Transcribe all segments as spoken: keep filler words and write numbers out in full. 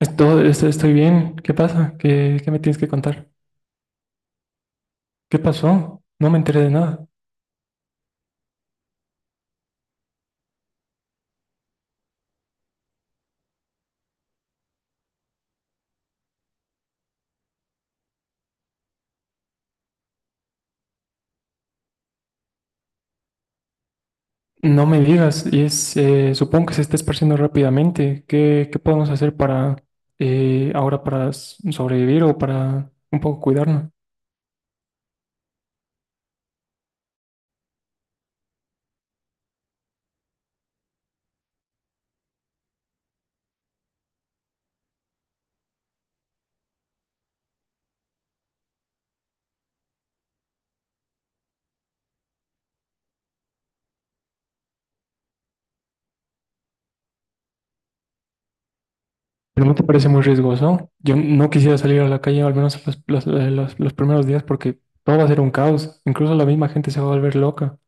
Esto estoy estoy bien. ¿Qué pasa? ¿Qué, qué me tienes que contar? ¿Qué pasó? No me enteré de nada. No me digas. Y es, eh, supongo que se está esparciendo rápidamente. ¿Qué, qué podemos hacer para eh, ahora para s- sobrevivir o para un poco cuidarnos? Pero no te parece muy riesgoso. Yo no quisiera salir a la calle, al menos los, los- eh, los- los primeros días, porque todo va a ser un caos. Incluso la misma gente se va a volver loca.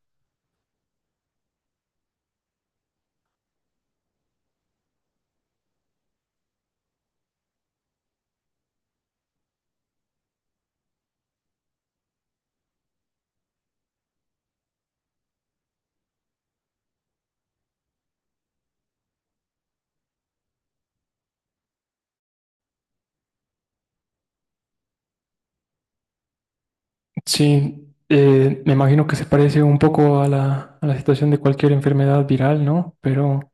Sí, eh, me imagino que se parece un poco a la, a la situación de cualquier enfermedad viral, ¿no? Pero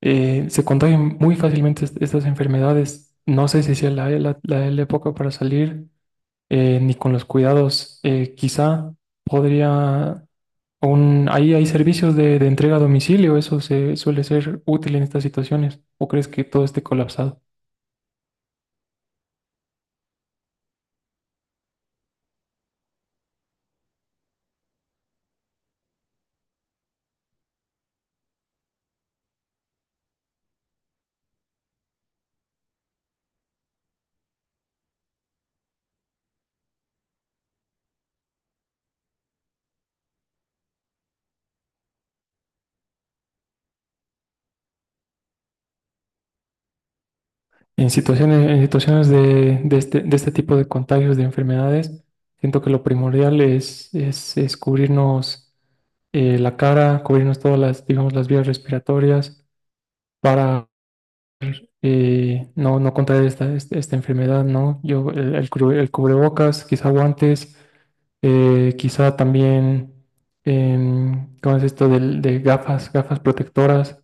eh, se contagian muy fácilmente est- estas enfermedades. No sé si sea la, la- la- la época para salir, eh, ni con los cuidados. Eh, quizá podría... un- ahí hay servicios de, de entrega a domicilio, eso se suele ser útil en estas situaciones. ¿O crees que todo esté colapsado? En situaciones, en situaciones de, de este, de este tipo de contagios de enfermedades, siento que lo primordial es, es, es cubrirnos eh, la cara, cubrirnos todas las, digamos, las vías respiratorias para eh, no, no contraer esta, este- esta enfermedad, ¿no? Yo, el, el cru- el cubrebocas, quizá guantes, eh, quizá también, em, ¿cómo es esto del- de gafas, gafas protectoras?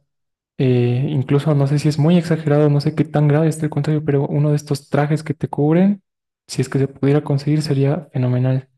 Eh, incluso no sé si es muy exagerado, no sé qué tan grave esté el contrario, pero uno de estos trajes que te cubren, si es que se pudiera conseguir, sería fenomenal.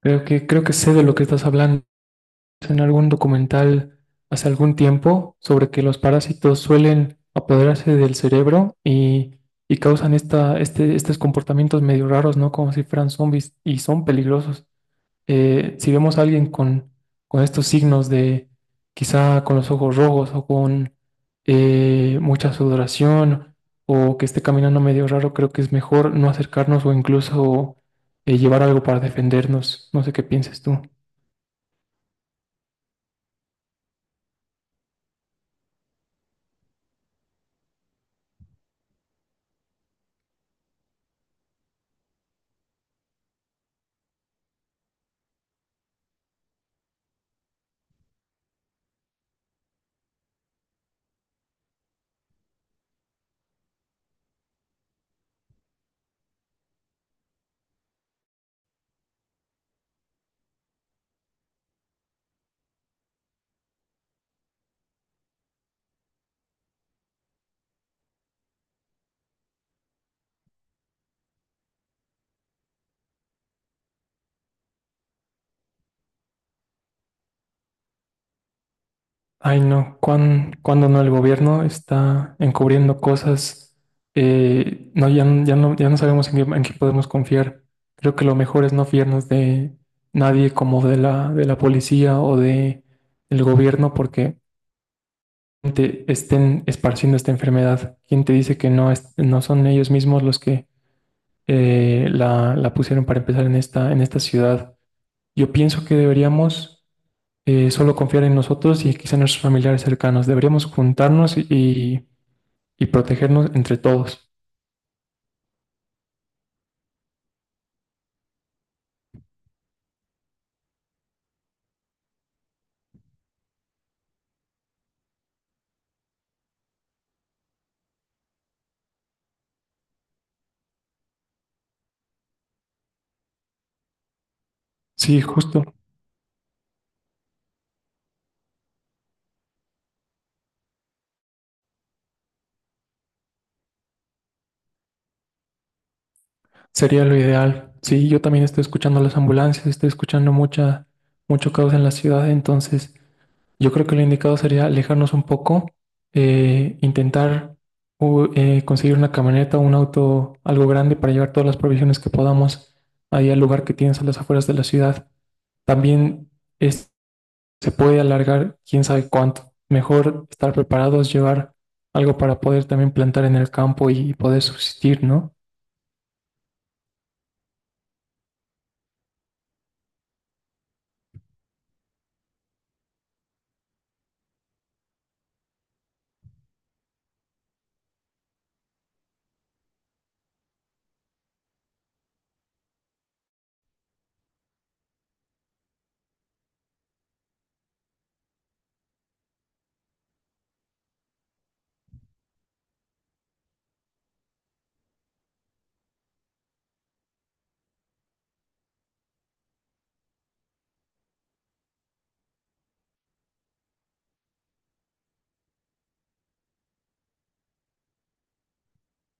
Creo que, creo que sé de lo que estás hablando. En algún documental hace algún tiempo sobre que los parásitos suelen apoderarse del cerebro y, y causan esta, este, estos comportamientos medio raros, ¿no? Como si fueran zombies y son peligrosos. Eh, si vemos a alguien con, con estos signos de quizá con los ojos rojos o con eh, mucha sudoración o que esté caminando medio raro, creo que es mejor no acercarnos o incluso eh, llevar algo para defendernos. No sé qué pienses tú. Ay, no, cuán- cuando no el gobierno está encubriendo cosas, eh, no, ya, n- ya no, ya no sabemos en qué, en qué podemos confiar. Creo que lo mejor es no fiarnos de nadie como de la, de la policía o de el gobierno porque te estén esparciendo esta enfermedad. ¿Quién te dice que no, es- no son ellos mismos los que eh, la, la pusieron para empezar en esta, en esta ciudad? Yo pienso que deberíamos eh, solo confiar en nosotros y quizá en nuestros familiares cercanos. Deberíamos juntarnos y, y protegernos entre todos. Sí, justo, sería lo ideal. Sí, yo también estoy escuchando las ambulancias, estoy escuchando mucha, mucho caos en la ciudad, entonces yo creo que lo indicado sería alejarnos un poco, eh, intentar u- eh, conseguir una camioneta, un auto, algo grande para llevar todas las provisiones que podamos ahí al lugar que tienes a las afueras de la ciudad. También... es se puede alargar quién sabe cuánto. Mejor estar preparados, llevar algo para poder también plantar en el campo y poder subsistir, ¿no?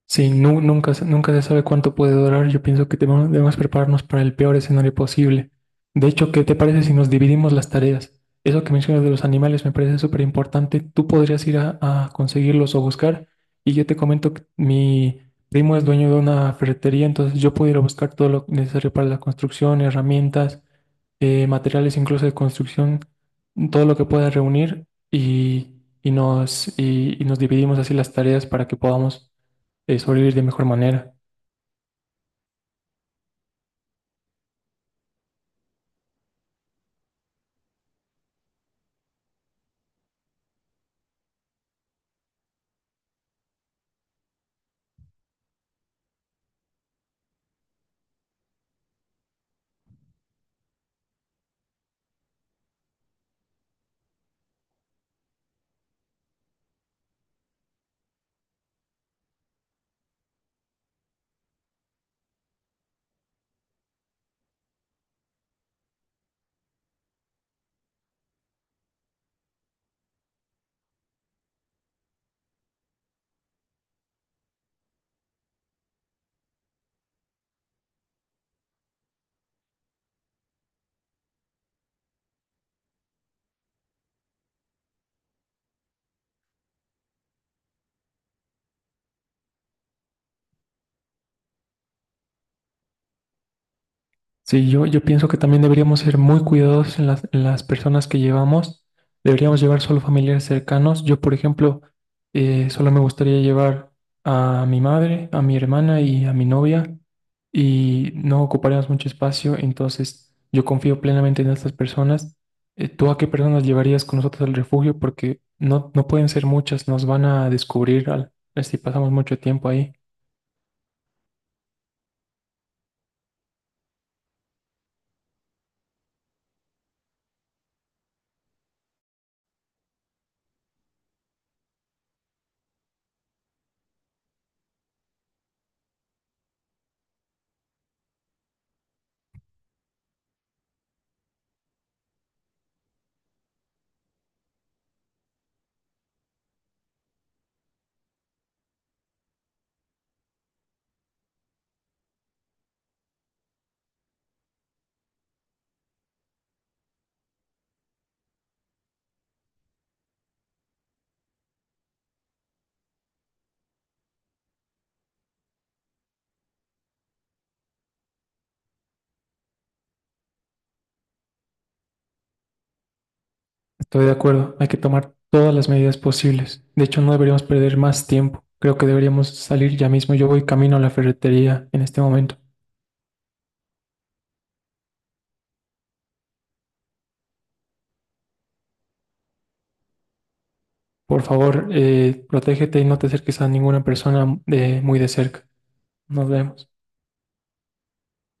Sí, nu- nunca, se- nunca se sabe cuánto puede durar. Yo pienso que debemos, debemos prepararnos para el peor escenario posible. De hecho, ¿qué te parece si nos dividimos las tareas? Eso que mencionas de los animales me parece súper importante. Tú podrías ir a, a conseguirlos o buscar. Y yo te comento que mi primo es dueño de una ferretería, entonces yo puedo ir a buscar todo lo necesario para la construcción, herramientas, eh, materiales incluso de construcción, todo lo que pueda reunir y, y nos, y y nos dividimos así las tareas para que podamos eh, sobrevivir de mejor manera. Sí, yo, yo pienso que también deberíamos ser muy cuidadosos en las, en las personas que llevamos. Deberíamos llevar solo familiares cercanos. Yo, por ejemplo, eh, solo me gustaría llevar a mi madre, a mi hermana y a mi novia y no ocuparíamos mucho espacio. Entonces, yo confío plenamente en estas personas. Eh, ¿tú a qué personas llevarías con nosotros al refugio? Porque no, no pueden ser muchas, nos van a descubrir al, si pasamos mucho tiempo ahí. Estoy de acuerdo, hay que tomar todas las medidas posibles. De hecho, no deberíamos perder más tiempo. Creo que deberíamos salir ya mismo. Yo voy camino a la ferretería en este momento. Por favor, eh, protégete y no te acerques a ninguna persona de muy de cerca. Nos vemos.